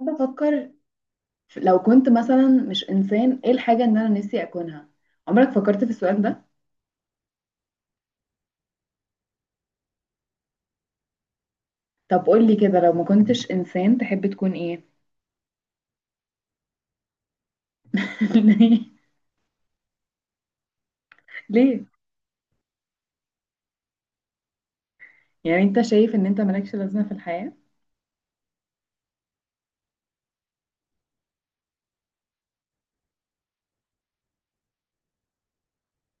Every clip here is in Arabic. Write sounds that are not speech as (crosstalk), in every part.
بفكر. لو كنت مثلا مش انسان، ايه الحاجة ان انا نفسي اكونها؟ عمرك فكرت في السؤال ده؟ طب قول لي كده، لو ما كنتش انسان تحب تكون ايه؟ (laughs) ليه؟ ليه؟ يعني انت شايف ان انت مالكش لازمة في الحياة؟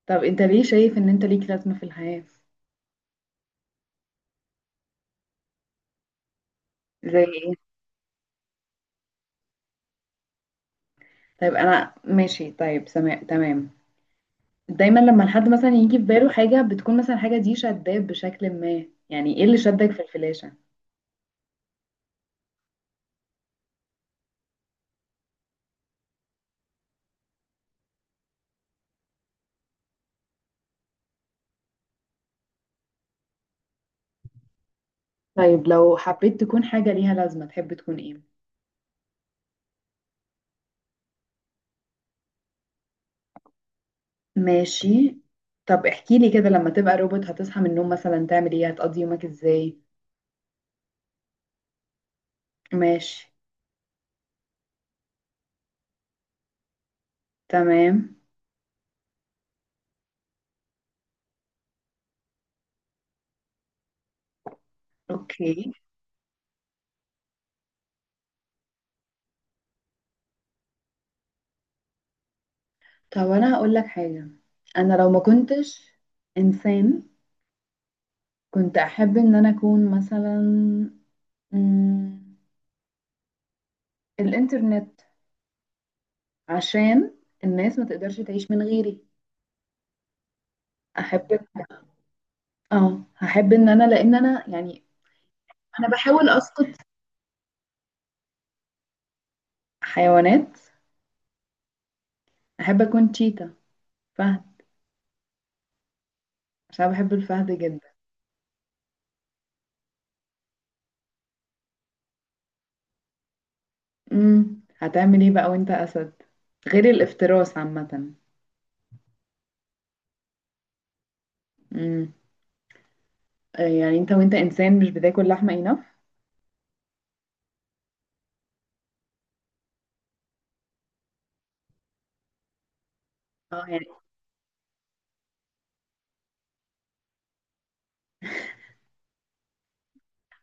طب انت ليه شايف ان انت ليك لازمة في الحياة؟ زي ايه؟ طيب انا ماشي، طيب سماء، تمام. دايما لما الحد مثلا يجي في باله حاجة بتكون مثلا حاجة دي شداه بشكل ما، يعني ايه اللي شدك في الفلاشة؟ طيب لو حبيت تكون حاجة ليها لازمة تحب تكون ايه؟ ماشي. طب احكي لي كده، لما تبقى روبوت هتصحى من النوم مثلا تعمل ايه؟ هتقضي يومك ازاي؟ ماشي. تمام. اوكي. طب انا هقول لك حاجة، انا لو ما كنتش انسان كنت احب ان انا اكون مثلا مم، الانترنت، عشان الناس ما تقدرش تعيش من غيري. احب، اه هحب ان انا لان انا يعني، انا بحاول اسقط حيوانات. احب اكون تشيتا، فهد، عشان أنا بحب الفهد جدا. هتعمل ايه بقى وانت اسد، غير الافتراس عامة؟ امم يعني انت وانت انسان مش بتاكل لحمة enough؟ اه يعني،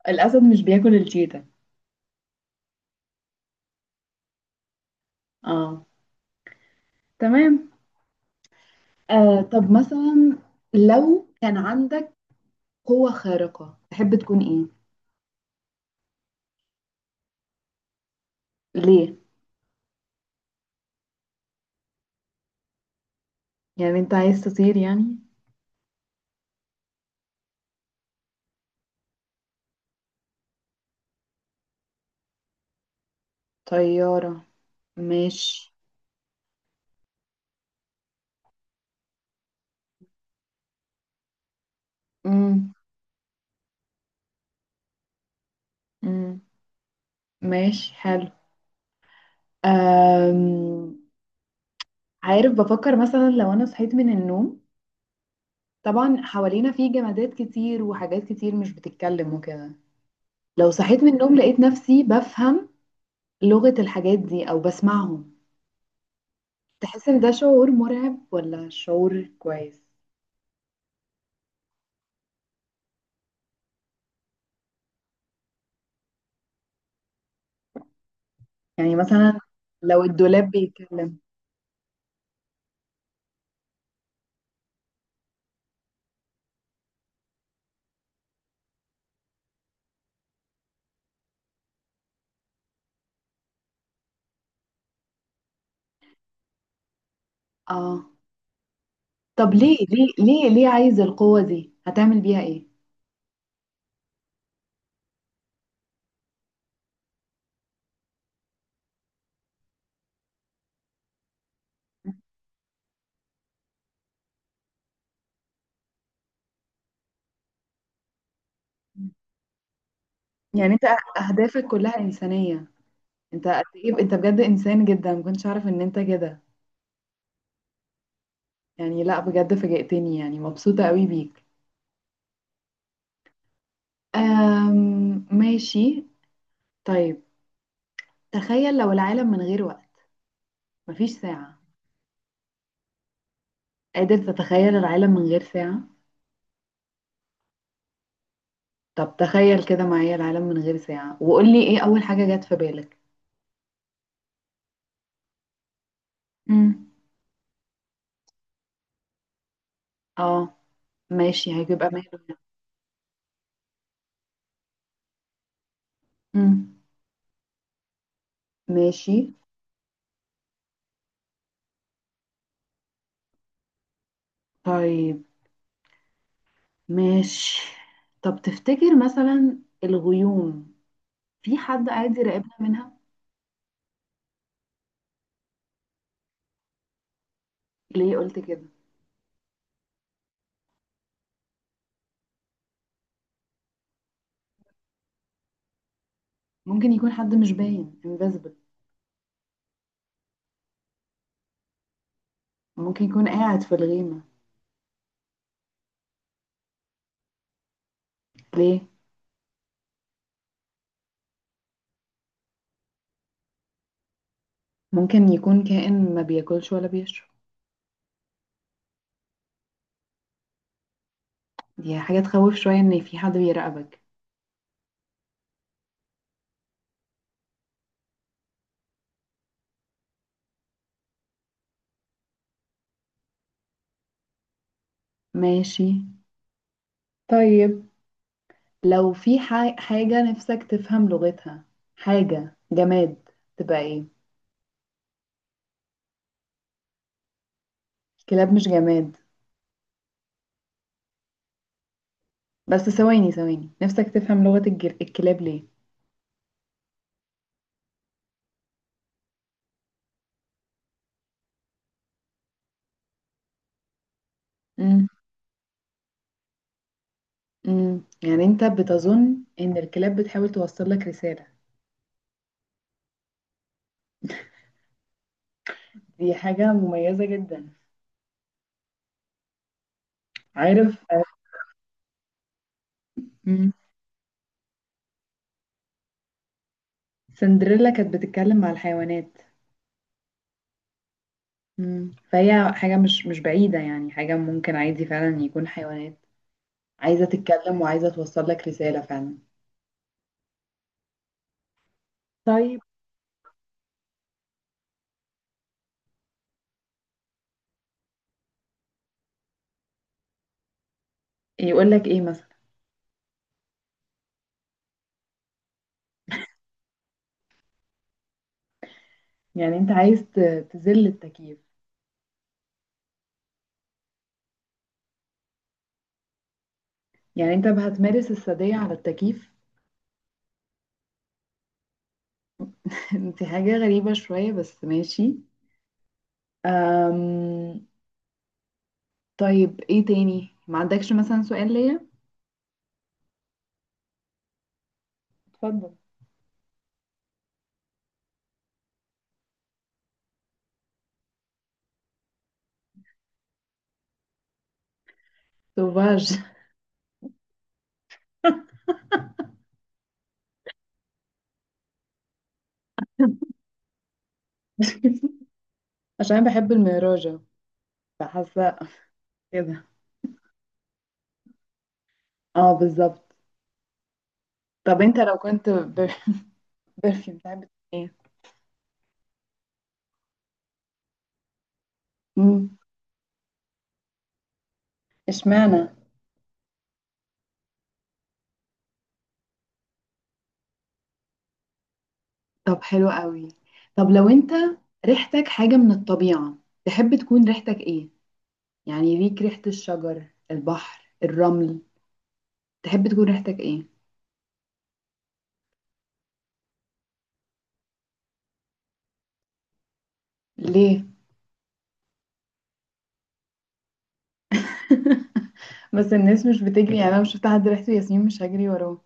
الاسد مش بياكل الشيتا. اه، تمام. آه طب مثلا، لو كان عندك قوة خارقة تحب تكون ايه؟ ليه؟ يعني انت عايز تطير يعني؟ طيارة؟ ماشي. امم امم ماشي، حلو. آم... عارف، بفكر مثلا لو انا صحيت من النوم، طبعا حوالينا في جمادات كتير وحاجات كتير مش بتتكلم وكده، لو صحيت من النوم لقيت نفسي بفهم لغة الحاجات دي أو بسمعهم، تحس إن ده شعور مرعب ولا شعور كويس؟ يعني مثلا لو الدولاب بيتكلم. آه طب ليه؟ ليه ليه ليه عايز القوة دي؟ هتعمل بيها إيه؟ يعني أنت أهدافك كلها إنسانية. أنت قد إيه أنت بجد إنسان جدا، ما كنتش أعرف إن أنت كده. يعني لا بجد فاجأتني، يعني مبسوطة قوي بيك. ماشي. طيب، تخيل لو العالم من غير وقت، مفيش ساعة. قادر تتخيل العالم من غير ساعة؟ طب تخيل كده معايا العالم من غير ساعة، وقول لي ايه أول حاجة جت في بالك؟ امم اه، ماشي، هيبقى ماله يعني. امم ماشي. طيب ماشي. طب تفتكر مثلا الغيوم، في حد قاعد يراقبنا منها؟ ليه قلت كده؟ ممكن يكون حد مش باين، invisible. ممكن يكون قاعد في الغيمة. ليه؟ ممكن يكون كائن ما بياكلش ولا بيشرب. دي حاجة تخوف شوية ان في حد بيراقبك. ماشي. طيب لو في حاجة نفسك تفهم لغتها، حاجة جماد، تبقى ايه؟ كلاب مش جماد. بس ثواني، نفسك تفهم لغة الكلاب ليه؟ مم. مم. يعني انت بتظن ان الكلاب بتحاول توصل لك رسالة؟ دي حاجة مميزة جدا. عارف، مم. سندريلا كانت بتتكلم مع الحيوانات. مم. فهي حاجة مش بعيدة، يعني حاجة ممكن عادي فعلا يكون حيوانات عايزة تتكلم وعايزة توصل لك رسالة فعلا. طيب، يقول لك ايه مثلا؟ يعني انت عايز تذل التكييف؟ يعني انت هتمارس السادية على التكييف؟ (laughs) انت حاجة غريبة شوية، بس ماشي. أم... طيب ايه تاني، ما عندكش مثلا سؤال ليا؟ اتفضل. سوفاج. (laughs) عشان بحب الميراجة، فحاسة كده. اه بالظبط. طب انت لو كنت برفيوم بتاعت ايه؟ مم. اشمعنى؟ طب حلو قوي. طب لو انت ريحتك حاجة من الطبيعة، تحب تكون ريحتك ايه؟ يعني ليك ريحة الشجر، البحر، الرمل، تحب تكون ريحتك ايه؟ ليه؟ (laughs) بس الناس مش بتجري، يعني انا مش شفت حد ريحته ياسمين مش هجري وراه.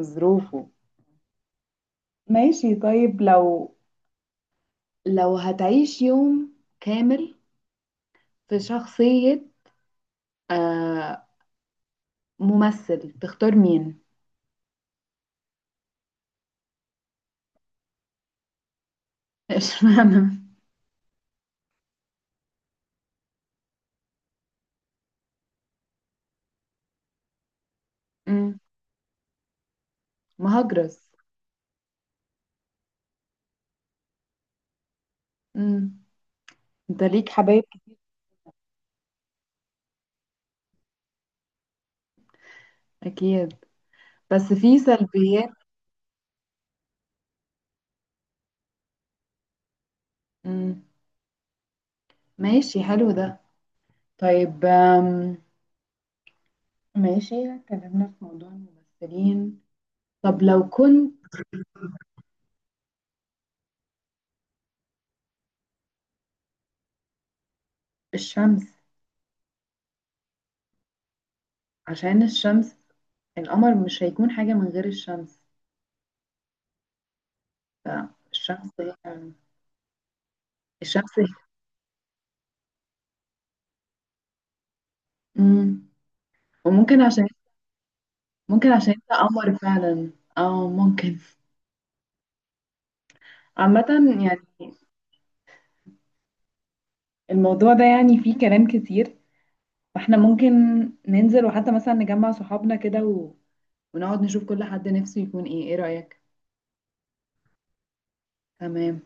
ظروفه. ماشي. طيب لو، لو هتعيش يوم كامل في شخصية، آه، ممثل، تختار مين؟ (laughs) اشمعنى؟ مم، مهاجرس. امم انت ليك حبايب كتير. اكيد، بس في سلبيات. امم ماشي، حلو ده. طيب ماشي، اتكلمنا في موضوع الممثلين. طب لو كنت، الشمس، عشان الشمس، القمر مش هيكون حاجة من غير الشمس، فالشمس هي، الشمس هي. امم وممكن عشان، ممكن عشان انت قمر فعلا. اه ممكن. عامة يعني، الموضوع ده يعني فيه كلام كتير، فاحنا ممكن ننزل وحتى مثلا نجمع صحابنا كده و... ونقعد نشوف كل حد نفسه يكون ايه، ايه رأيك؟ تمام.